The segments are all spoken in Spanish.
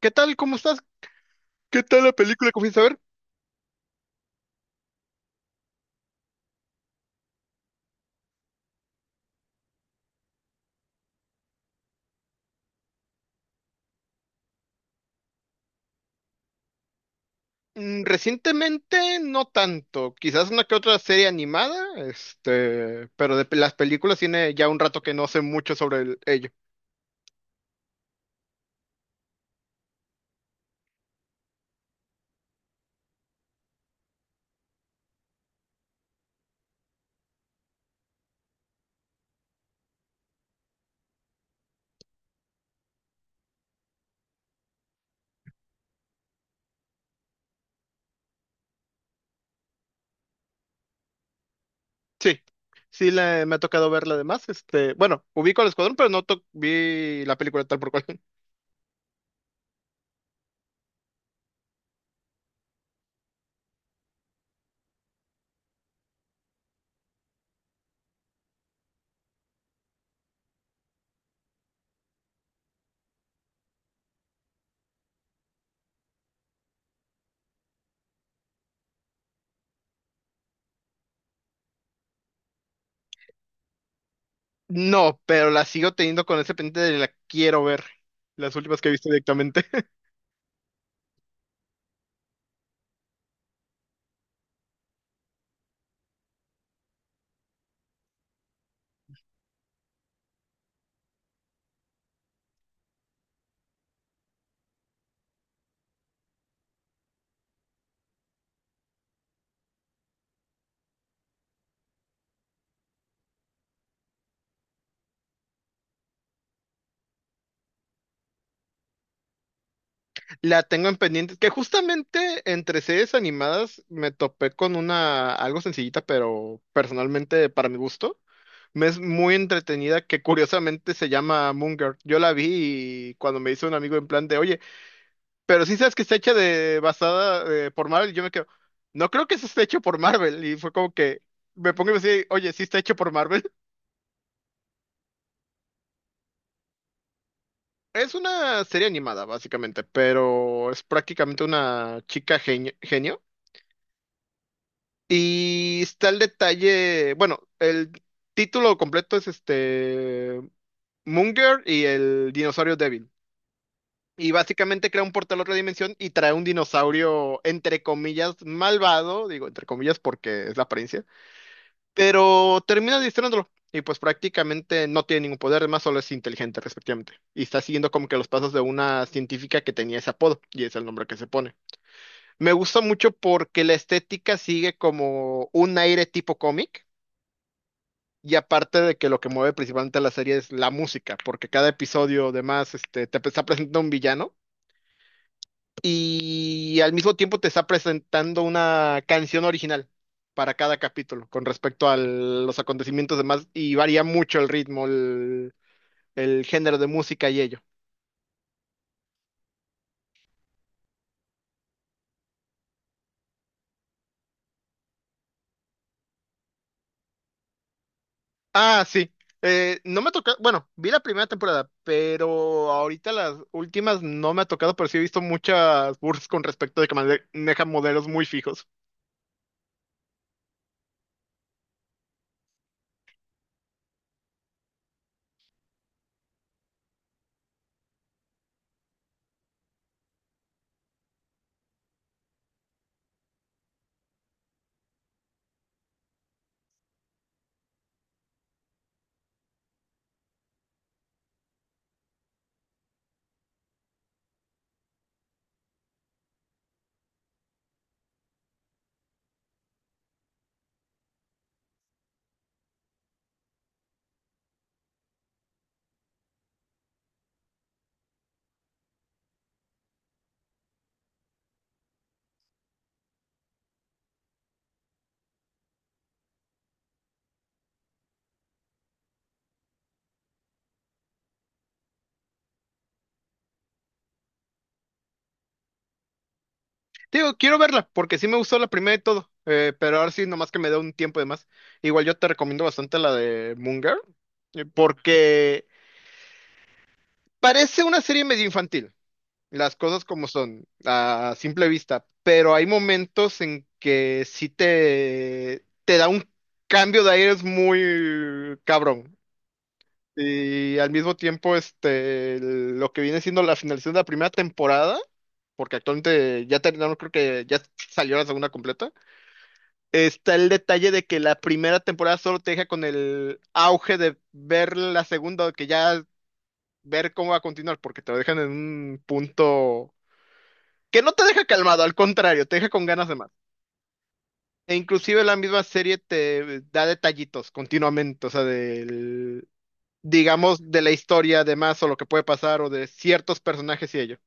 ¿Qué tal? ¿Cómo estás? ¿Qué tal la película que fuiste a ver? Mm, recientemente no tanto, quizás una que otra serie animada, pero las películas tiene ya un rato que no sé mucho sobre ello. Sí, sí, me ha tocado verla además, este, bueno, ubico al Escuadrón, pero no to- vi la película tal por cual. No, pero la sigo teniendo con ese pendiente de la quiero ver. Las últimas que he visto directamente. La tengo en pendiente. Que justamente entre series animadas me topé con una algo sencillita, pero personalmente para mi gusto. Me es muy entretenida que curiosamente se llama Moon Girl. Yo la vi y cuando me hizo un amigo en plan de, oye, pero sí sabes que está hecha de basada por Marvel, y yo me quedo, no creo que eso esté hecho por Marvel. Y fue como que me pongo y me decía, oye, sí está hecho por Marvel. Es una serie animada, básicamente, pero es prácticamente una chica genio, genio. Y está el detalle, bueno, el título completo es este Munger y el dinosaurio débil. Y básicamente crea un portal a otra dimensión y trae un dinosaurio, entre comillas, malvado, digo entre comillas porque es la apariencia, pero termina distrayéndolo. Y pues prácticamente no tiene ningún poder, además solo es inteligente respectivamente. Y está siguiendo como que los pasos de una científica que tenía ese apodo, y es el nombre que se pone. Me gusta mucho porque la estética sigue como un aire tipo cómic, y aparte de que lo que mueve principalmente la serie es la música, porque cada episodio además este, te está presentando un villano y al mismo tiempo te está presentando una canción original para cada capítulo con respecto a los acontecimientos demás y varía mucho el ritmo, el género de música y ello. Ah, sí. No me tocó bueno, vi la primera temporada, pero ahorita las últimas no me ha tocado, pero sí he visto muchas bursts con respecto de que maneja modelos muy fijos. Digo, quiero verla, porque sí me gustó la primera y todo, pero ahora sí, nomás que me dé un tiempo de más. Igual yo te recomiendo bastante la de Moon Girl, porque parece una serie medio infantil, las cosas como son, a simple vista, pero hay momentos en que sí te da un cambio de aires muy cabrón. Y al mismo tiempo, este, lo que viene siendo la finalización de la primera temporada, porque actualmente ya terminaron, creo que ya salió la segunda completa. Está el detalle de que la primera temporada solo te deja con el auge de ver la segunda, que ya ver cómo va a continuar, porque te lo dejan en un punto que no te deja calmado, al contrario, te deja con ganas de más. E inclusive la misma serie te da detallitos continuamente, o sea, digamos, de la historia, de más, o lo que puede pasar, o de ciertos personajes y ello.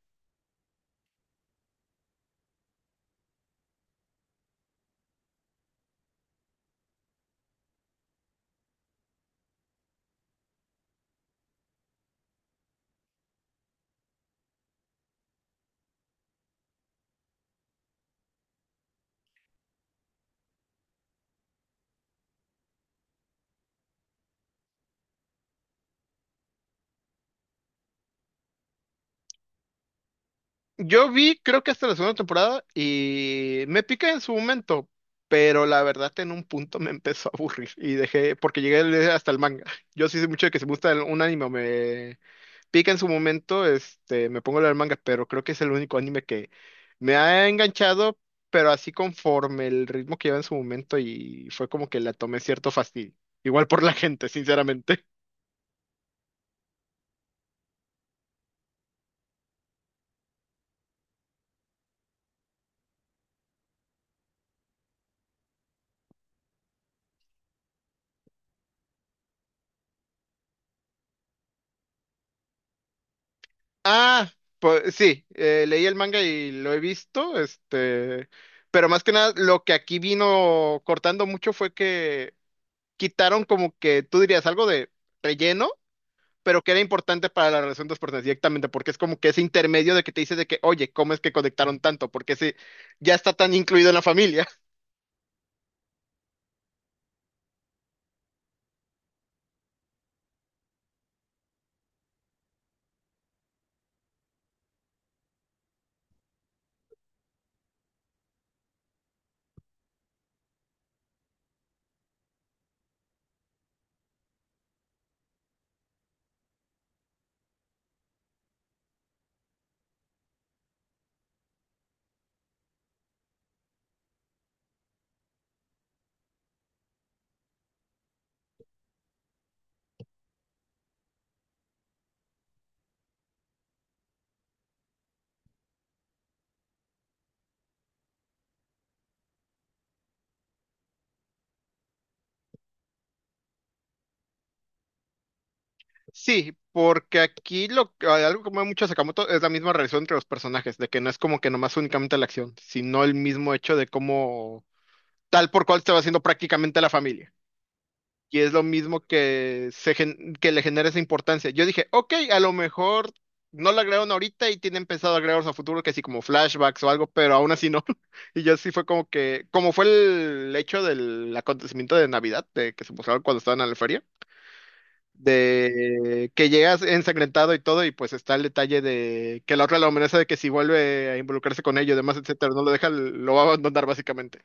Yo vi, creo que hasta la segunda temporada y me piqué en su momento, pero la verdad en un punto me empezó a aburrir y dejé, porque llegué a leer hasta el manga. Yo sí sé mucho de que si me gusta un anime, o me pica en su momento, este, me pongo a leer el manga, pero creo que es el único anime que me ha enganchado, pero así conforme el ritmo que lleva en su momento y fue como que la tomé cierto fastidio. Igual por la gente, sinceramente. Ah, pues sí, leí el manga y lo he visto, este, pero más que nada lo que aquí vino cortando mucho fue que quitaron como que tú dirías algo de relleno, pero que era importante para la relación de los personajes directamente, porque es como que ese intermedio de que te dice de que, oye, ¿cómo es que conectaron tanto? Porque ese ya está tan incluido en la familia. Sí, porque aquí algo que mueve mucho a Sakamoto es la misma relación entre los personajes, de que no es como que nomás únicamente la acción, sino el mismo hecho de cómo tal por cual se va haciendo prácticamente la familia. Y es lo mismo que, que le genera esa importancia. Yo dije, ok, a lo mejor no la agregaron ahorita y tienen pensado agregarlos a futuro, que sí, como flashbacks o algo, pero aún así no. Y yo sí fue como que, como fue el hecho del acontecimiento de Navidad, de que se mostraron cuando estaban en la feria, de que llegas ensangrentado y todo, y pues está el detalle de que la otra la amenaza de que si vuelve a involucrarse con ellos, demás, etcétera, no lo deja, lo va a abandonar básicamente.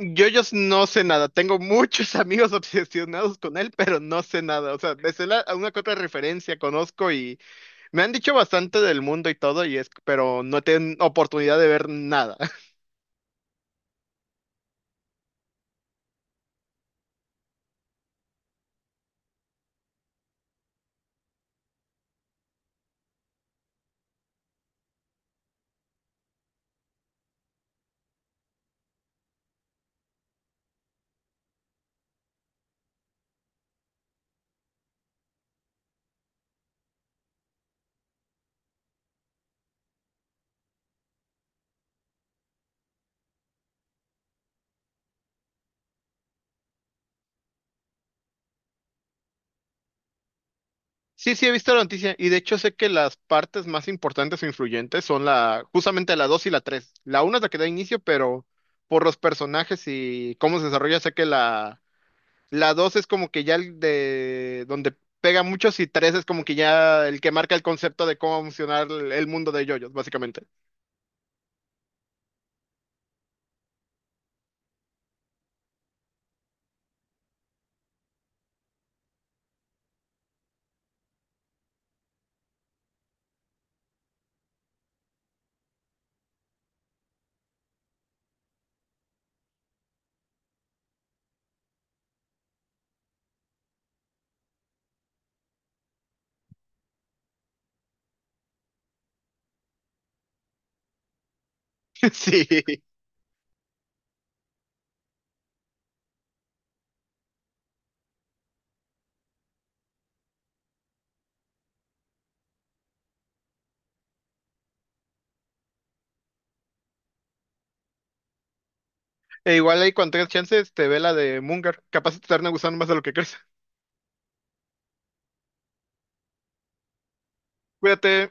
JoJo's no sé nada. Tengo muchos amigos obsesionados con él, pero no sé nada. O sea, me sé una que otra referencia, conozco y me han dicho bastante del mundo y todo, y es, pero no tienen oportunidad de ver nada. Sí, sí, he visto la noticia y de hecho sé que las partes más importantes o influyentes son la, justamente la 2 y la 3. La una es la que da inicio, pero por los personajes y cómo se desarrolla, sé que la 2 es como que ya el de donde pega muchos y 3 es como que ya el que marca el concepto de cómo va a funcionar el mundo de yoyos, básicamente. Sí. E igual ahí cuando tengas chance, te ve la de Munger. Capaz te termina gustando más de lo que crees. Cuídate.